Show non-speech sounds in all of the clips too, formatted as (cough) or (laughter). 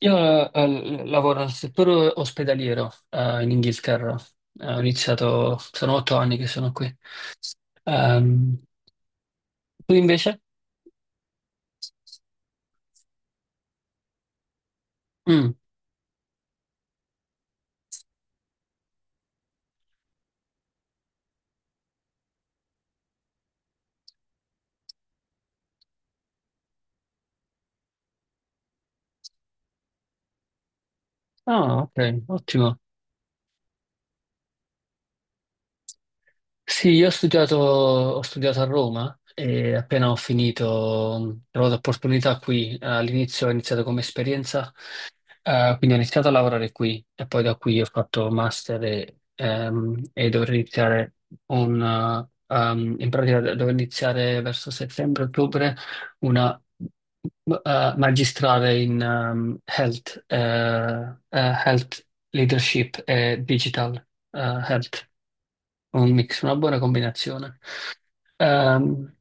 Io lavoro nel settore ospedaliero, in Inghilterra. Ho iniziato, sono 8 anni che sono qui. Ehm, Tu invece? Mm. Ah, ok, ottimo. Sì, io ho studiato a Roma e appena ho finito, ho trovato opportunità qui. All'inizio ho iniziato come esperienza. Quindi ho iniziato a lavorare qui e poi da qui ho fatto master e dovrei iniziare un, in pratica dovrei iniziare verso settembre-ottobre una magistrale in health, health leadership e digital health, un mix, una buona combinazione. Ehm,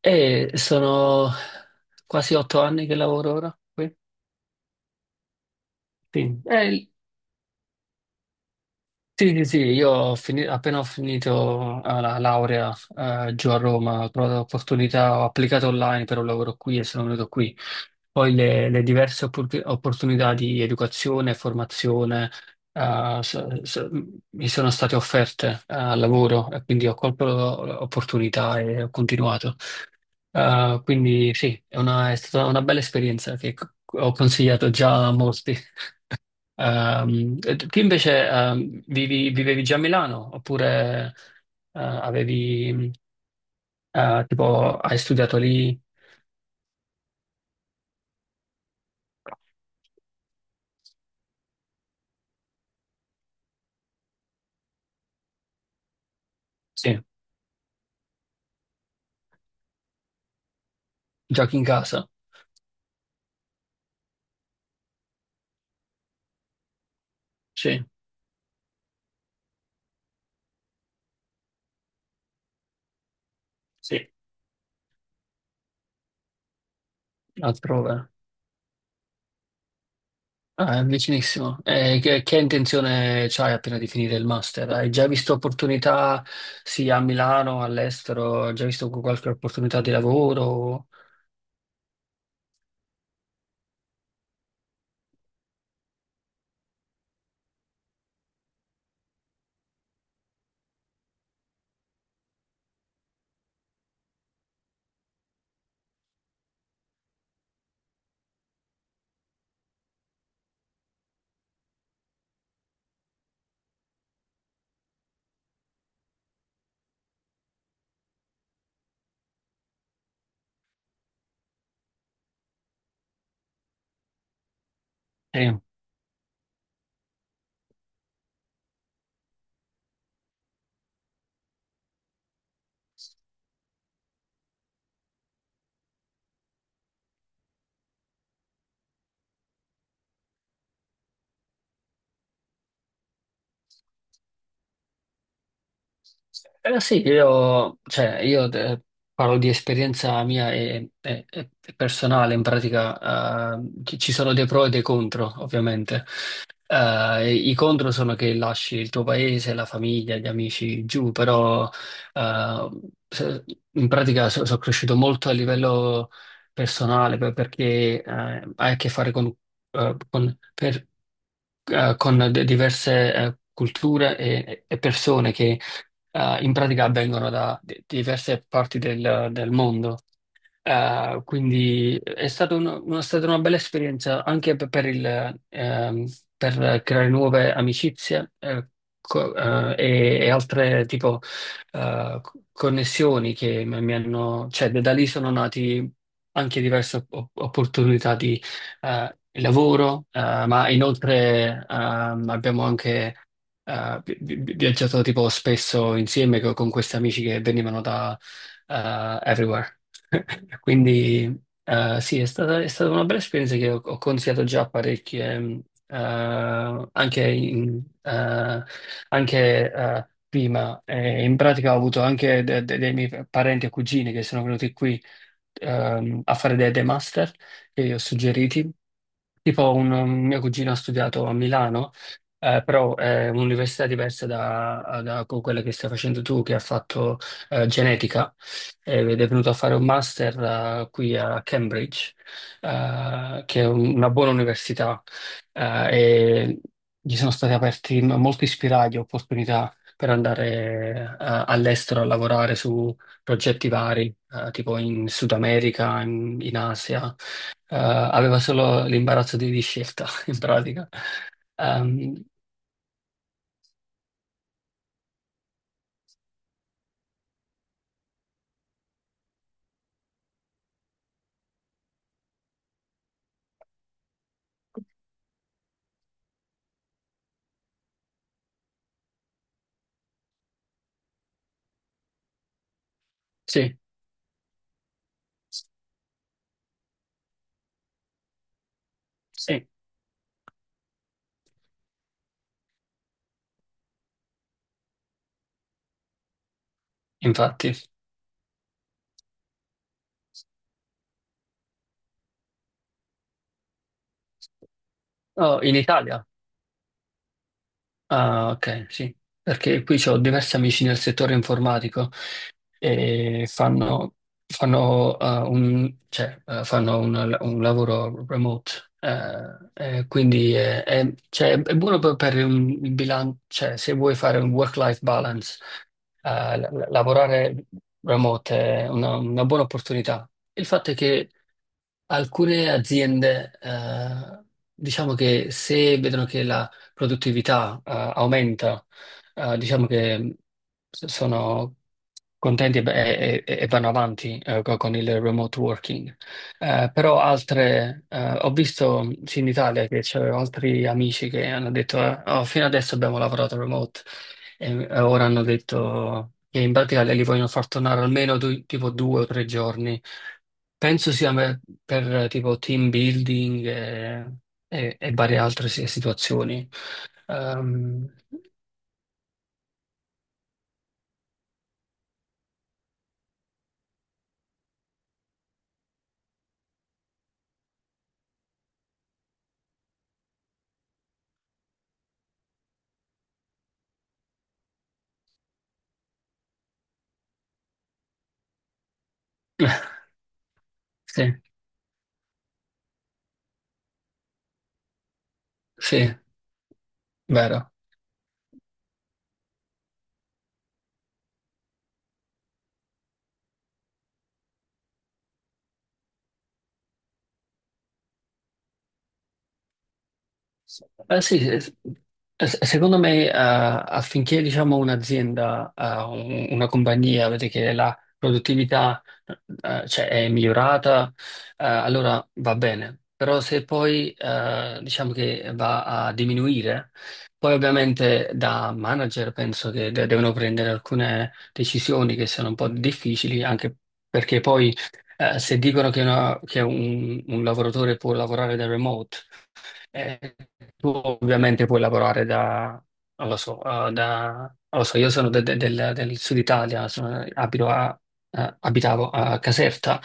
e sono quasi 8 anni che lavoro ora qui. Sì. È, sì, sì, sì, io appena ho finito la laurea giù a Roma, ho trovato l'opportunità, ho applicato online per un lavoro qui e sono venuto qui. Poi le diverse opportunità di educazione e formazione eh, so- so- mi sono state offerte al lavoro e quindi ho colto l'opportunità e ho continuato. Quindi sì, è è stata una bella esperienza che ho consigliato già a molti. E tu invece, vivevi già a Milano oppure avevi, tipo, hai studiato lì? Sì, giochi in casa? Sì, sì, altrove. Ah, è vicinissimo. E che intenzione c'hai appena di finire il master? Hai già visto opportunità sia a Milano, all'estero? Hai già visto qualche opportunità di lavoro? Sì. Sì, io, cioè, io, parlo di esperienza mia e personale, in pratica, ci sono dei pro e dei contro, ovviamente. I contro sono che lasci il tuo paese, la famiglia, gli amici giù, però eh, se- in pratica sono cresciuto molto a livello personale perché hai a che fare con, eh, con- per- con diverse, culture e persone che in pratica avvengono da diverse parti del mondo. Quindi è stata una bella esperienza anche per creare nuove amicizie co- e altre tipo connessioni che mi hanno, cioè da lì sono nati anche diverse opportunità di lavoro, ma inoltre abbiamo anche viaggiato tipo spesso insieme con questi amici che venivano da everywhere. (laughs) Quindi sì, è stata una bella esperienza che ho consigliato già a parecchie, anche, anche, prima. In pratica ho avuto anche dei miei parenti e cugini che sono venuti qui, a fare dei master che io ho suggeriti. Tipo un mio cugino ha studiato a Milano, però è un'università diversa da quella che stai facendo tu, che ha fatto genetica. Ed è venuto a fare un master, qui a Cambridge, che è una buona università, eh, e gli sono stati aperti molti spiragli, opportunità per andare all'estero a lavorare su progetti vari, tipo in Sud America, in Asia. Aveva solo l'imbarazzo di scelta, (laughs) in pratica. Ehm, sì, sì, infatti. Oh, in Italia? Ah, ok, sì, perché qui ho diversi amici nel settore informatico e fanno un lavoro remote, e quindi è, cioè, è buono per, il bilancio, cioè, se vuoi fare un work-life balance, eh, lavorare remote è una buona opportunità. Il fatto è che alcune aziende, diciamo che se vedono che la produttività, aumenta, diciamo che sono contenti e vanno avanti, con il remote working. Però altre, ho visto sì, in Italia che c'erano altri amici che hanno detto, "Oh, fino adesso abbiamo lavorato remote e ora hanno detto che in pratica li vogliono far tornare almeno tipo 2 o 3 giorni." Penso sia tipo team building e varie altre situazioni. Ehm, (laughs) sì, sì, vero. Sì, secondo me, affinché diciamo, un'azienda, una compagnia, vede che la produttività cioè, è migliorata, allora va bene. Però se poi diciamo che va a diminuire, poi ovviamente da manager penso che devono prendere alcune decisioni che sono un po' difficili, anche perché poi se dicono che, che un lavoratore può lavorare da remote, eh, tu ovviamente puoi lavorare da, non lo so, da, non lo so, io sono del sud Italia, abitavo a Caserta.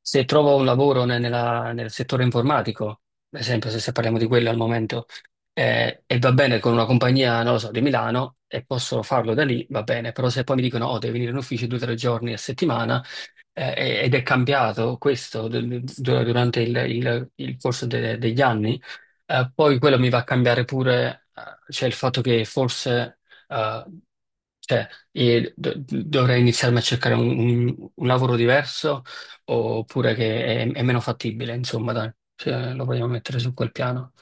Se trovo un lavoro nel settore informatico, ad esempio, se parliamo di quello al momento, e va bene con una compagnia, non lo so, di Milano, e posso farlo da lì, va bene, però se poi mi dicono, oh, devi venire in ufficio 2 o 3 giorni a settimana, ed è cambiato questo durante il corso degli anni. Poi quello mi va a cambiare pure, cioè il fatto che forse eh, cioè, dovrei iniziarmi a cercare un lavoro diverso oppure che è meno fattibile, insomma, dai, cioè, lo vogliamo mettere su quel piano.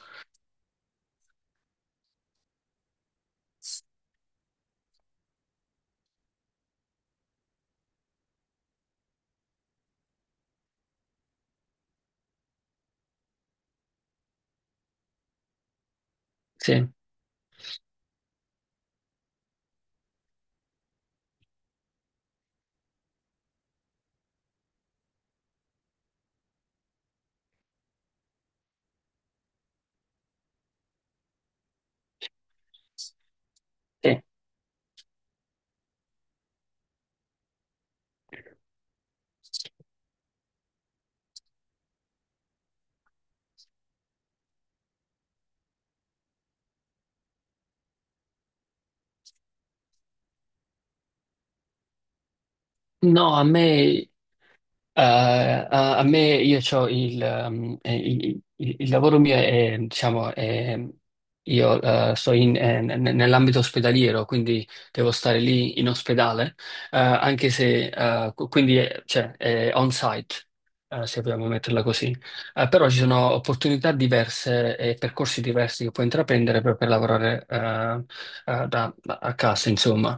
Sì. Sì. No, a me. A me io c'ho il lavoro mio è, diciamo, io sto nell'ambito ospedaliero, quindi devo stare lì in ospedale, anche se, quindi è, cioè, è on-site, se vogliamo metterla così. Però ci sono opportunità diverse e percorsi diversi che puoi intraprendere per lavorare a casa, insomma.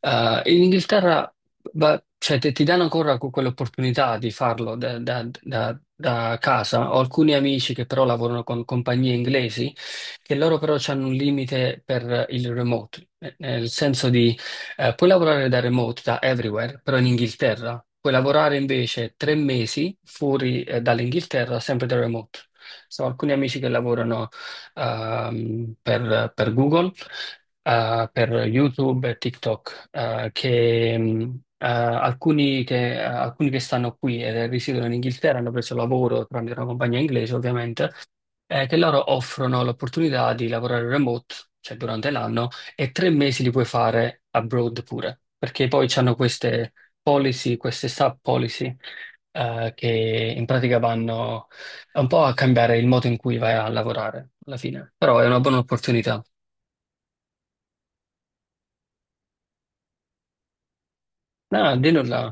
In Inghilterra ma, cioè, ti danno ancora quell'opportunità di farlo da casa. Ho alcuni amici che però lavorano con compagnie inglesi, che loro però hanno un limite per il remote, nel senso di puoi lavorare da remote, da everywhere, però in Inghilterra. Puoi lavorare invece 3 mesi fuori, dall'Inghilterra, sempre da remote. So, alcuni amici che lavorano, per Google, per YouTube e TikTok che alcuni, alcuni che stanno qui e risiedono in Inghilterra hanno preso lavoro tramite una compagnia inglese, ovviamente, che loro offrono l'opportunità di lavorare remote, cioè durante l'anno, e 3 mesi li puoi fare abroad pure, perché poi hanno queste policy, queste sub policy. Che in pratica vanno un po' a cambiare il modo in cui vai a lavorare alla fine, però è una buona opportunità. Ah, di nulla.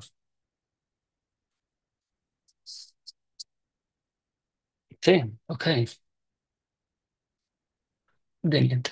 Sì, ok, di niente.